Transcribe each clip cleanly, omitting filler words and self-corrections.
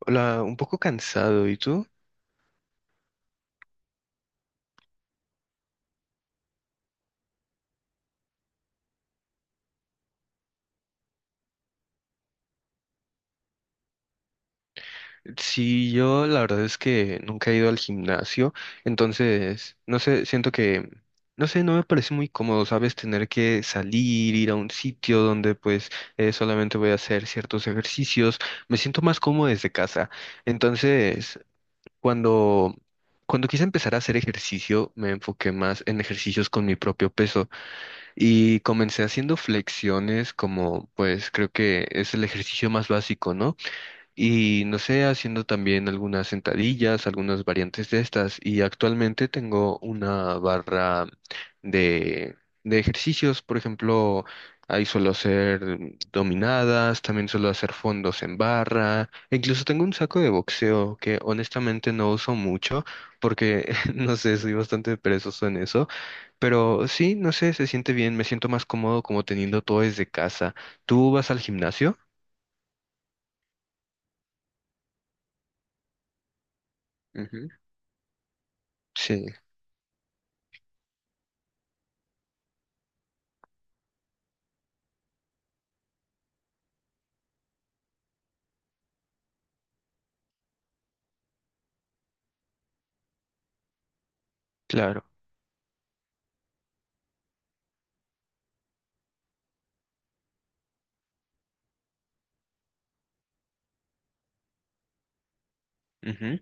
Hola, un poco cansado, ¿y tú? Sí, yo la verdad es que nunca he ido al gimnasio, entonces, no sé, siento que, no sé, no me parece muy cómodo, ¿sabes? Tener que salir, ir a un sitio donde pues solamente voy a hacer ciertos ejercicios, me siento más cómodo desde casa. Entonces, cuando, cuando quise empezar a hacer ejercicio, me enfoqué más en ejercicios con mi propio peso. Y comencé haciendo flexiones como, pues creo que es el ejercicio más básico, ¿no? Y no sé, haciendo también algunas sentadillas, algunas variantes de estas. Y actualmente tengo una barra de, de ejercicios, por ejemplo, ahí suelo hacer dominadas, también suelo hacer fondos en barra, e incluso tengo un saco de boxeo que honestamente no uso mucho porque, no sé, soy bastante perezoso en eso, pero sí, no sé, se siente bien, me siento más cómodo como teniendo todo desde casa. ¿Tú vas al gimnasio? Ujú. Sí, claro. Ujú,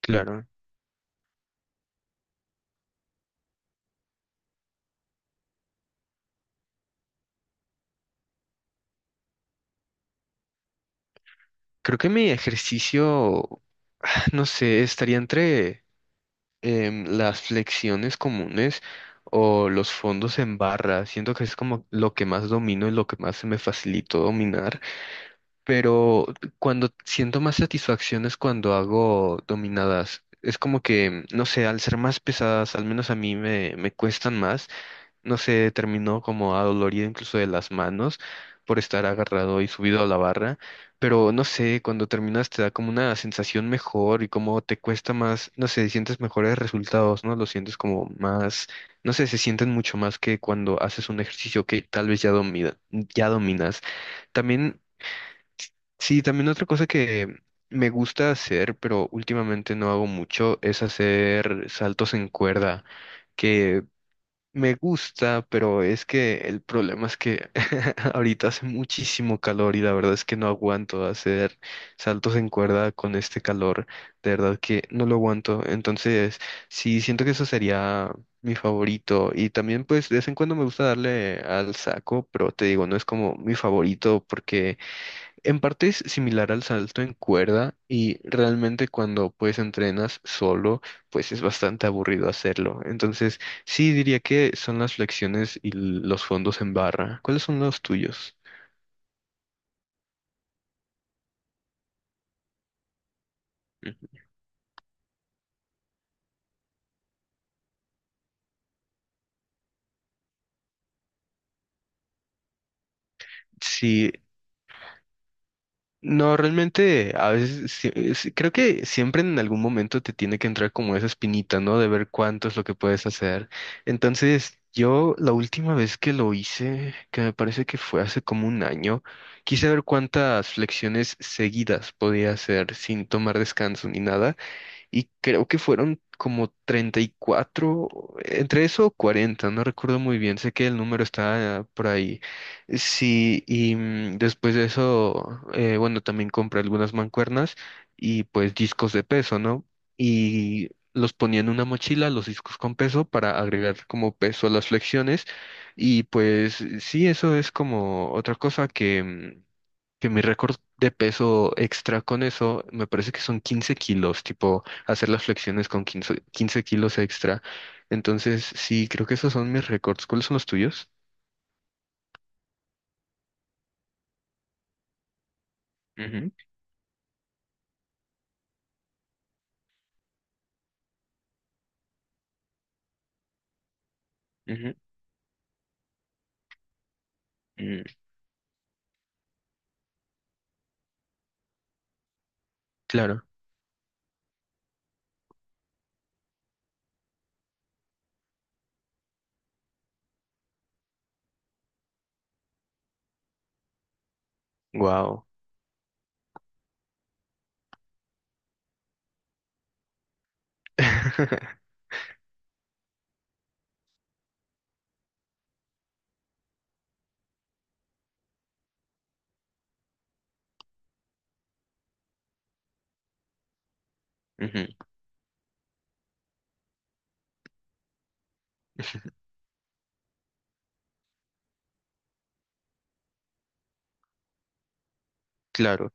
claro. Creo que mi ejercicio, ah, no sé, estaría entre las flexiones comunes o los fondos en barra. Siento que es como lo que más domino y lo que más se me facilitó dominar. Pero cuando siento más satisfacción es cuando hago dominadas. Es como que, no sé, al ser más pesadas, al menos a mí me cuestan más. No sé, terminó como adolorido incluso de las manos por estar agarrado y subido a la barra, pero no sé, cuando terminas te da como una sensación mejor y como te cuesta más, no sé, sientes mejores resultados, ¿no? Lo sientes como más, no sé, se sienten mucho más que cuando haces un ejercicio que tal vez ya dominas. También, sí, también otra cosa que me gusta hacer, pero últimamente no hago mucho, es hacer saltos en cuerda que me gusta, pero es que el problema es que ahorita hace muchísimo calor y la verdad es que no aguanto hacer saltos en cuerda con este calor. De verdad que no lo aguanto. Entonces, sí, siento que eso sería mi favorito. Y también, pues, de vez en cuando me gusta darle al saco, pero te digo, no es como mi favorito porque en parte es similar al salto en cuerda y realmente cuando pues entrenas solo, pues es bastante aburrido hacerlo. Entonces, sí diría que son las flexiones y los fondos en barra. ¿Cuáles son los tuyos? Ujú. Sí, no, realmente a veces creo que siempre en algún momento te tiene que entrar como esa espinita, ¿no? De ver cuánto es lo que puedes hacer. Entonces, yo la última vez que lo hice, que me parece que fue hace como un año, quise ver cuántas flexiones seguidas podía hacer sin tomar descanso ni nada y creo que fueron como 34 entre eso o 40, no recuerdo muy bien, sé que el número está por ahí. Sí, y después de eso, bueno, también compré algunas mancuernas y pues discos de peso, ¿no? Y los ponía en una mochila, los discos con peso, para agregar como peso a las flexiones. Y pues sí, eso es como otra cosa que que mi récord de peso extra con eso me parece que son 15 kilos, tipo hacer las flexiones con quince kilos extra. Entonces, sí, creo que esos son mis récords. ¿Cuáles son los tuyos? Ujú, ujú, mm, claro. Wow. Claro.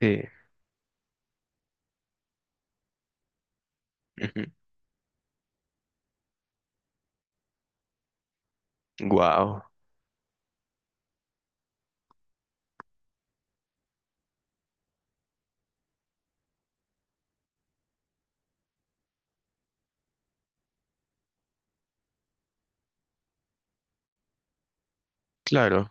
Sí. Wow. Claro.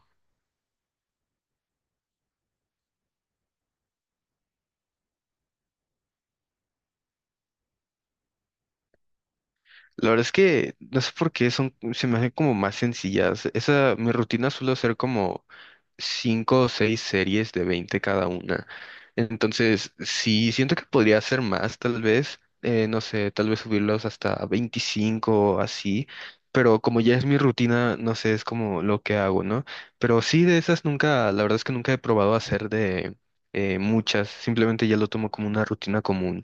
La verdad es que no sé por qué son, se me hacen como más sencillas. Esa, mi rutina suele ser como cinco o seis series de 20 cada una. Entonces, sí, siento que podría hacer más, tal vez, no sé, tal vez subirlos hasta 25 o así, pero como ya es mi rutina, no sé, es como lo que hago, ¿no? Pero sí, de esas nunca, la verdad es que nunca he probado hacer de muchas, simplemente ya lo tomo como una rutina común.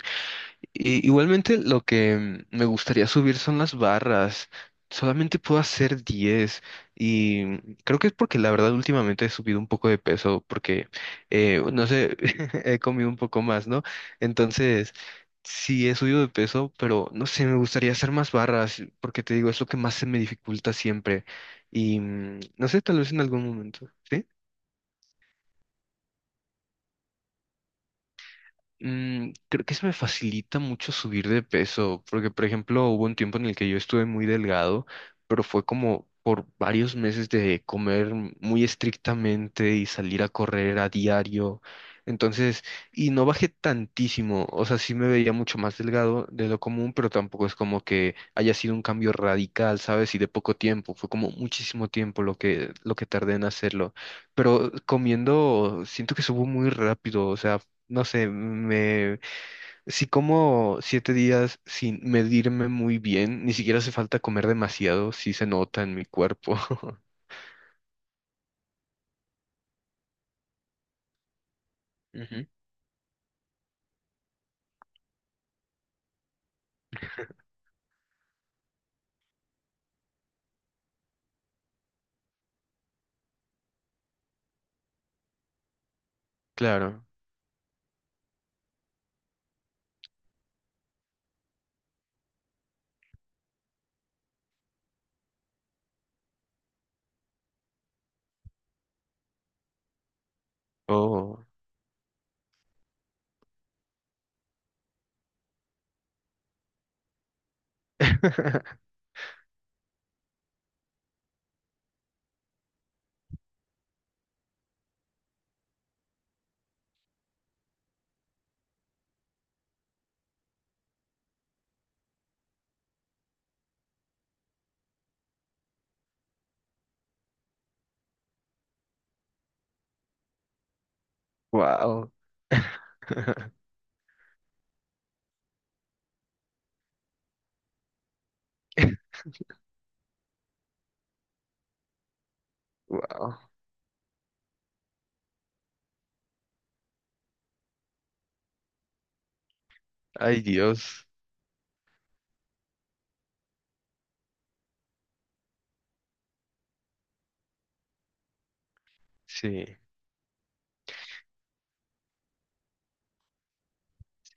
Igualmente lo que me gustaría subir son las barras. Solamente puedo hacer 10 y creo que es porque la verdad últimamente he subido un poco de peso porque, no sé, he comido un poco más, ¿no? Entonces, sí he subido de peso, pero no sé, me gustaría hacer más barras porque te digo, es lo que más se me dificulta siempre y no sé, tal vez en algún momento, ¿sí? Creo que se me facilita mucho subir de peso, porque por ejemplo hubo un tiempo en el que yo estuve muy delgado, pero fue como por varios meses de comer muy estrictamente y salir a correr a diario. Entonces, y no bajé tantísimo, o sea, sí me veía mucho más delgado de lo común, pero tampoco es como que haya sido un cambio radical, ¿sabes? Y de poco tiempo, fue como muchísimo tiempo lo que tardé en hacerlo. Pero comiendo, siento que subo muy rápido, o sea, no sé, me, si como 7 días sin medirme muy bien, ni siquiera hace falta comer demasiado, sí se nota en mi cuerpo. Ujú, claro. Oh. Wow. Wow. Ay, Dios. Sí.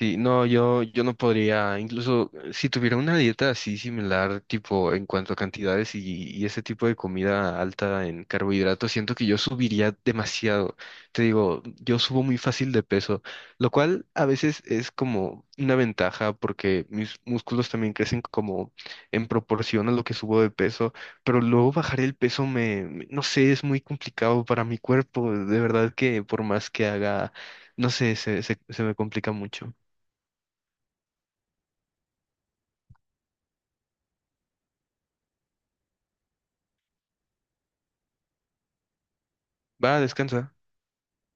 Sí, no, yo no podría, incluso si tuviera una dieta así similar, tipo en cuanto a cantidades y ese tipo de comida alta en carbohidratos, siento que yo subiría demasiado. Te digo, yo subo muy fácil de peso, lo cual a veces es como una ventaja porque mis músculos también crecen como en proporción a lo que subo de peso, pero luego bajar el peso no sé, es muy complicado para mi cuerpo, de verdad que por más que haga, no sé, se me complica mucho. Va, descansa.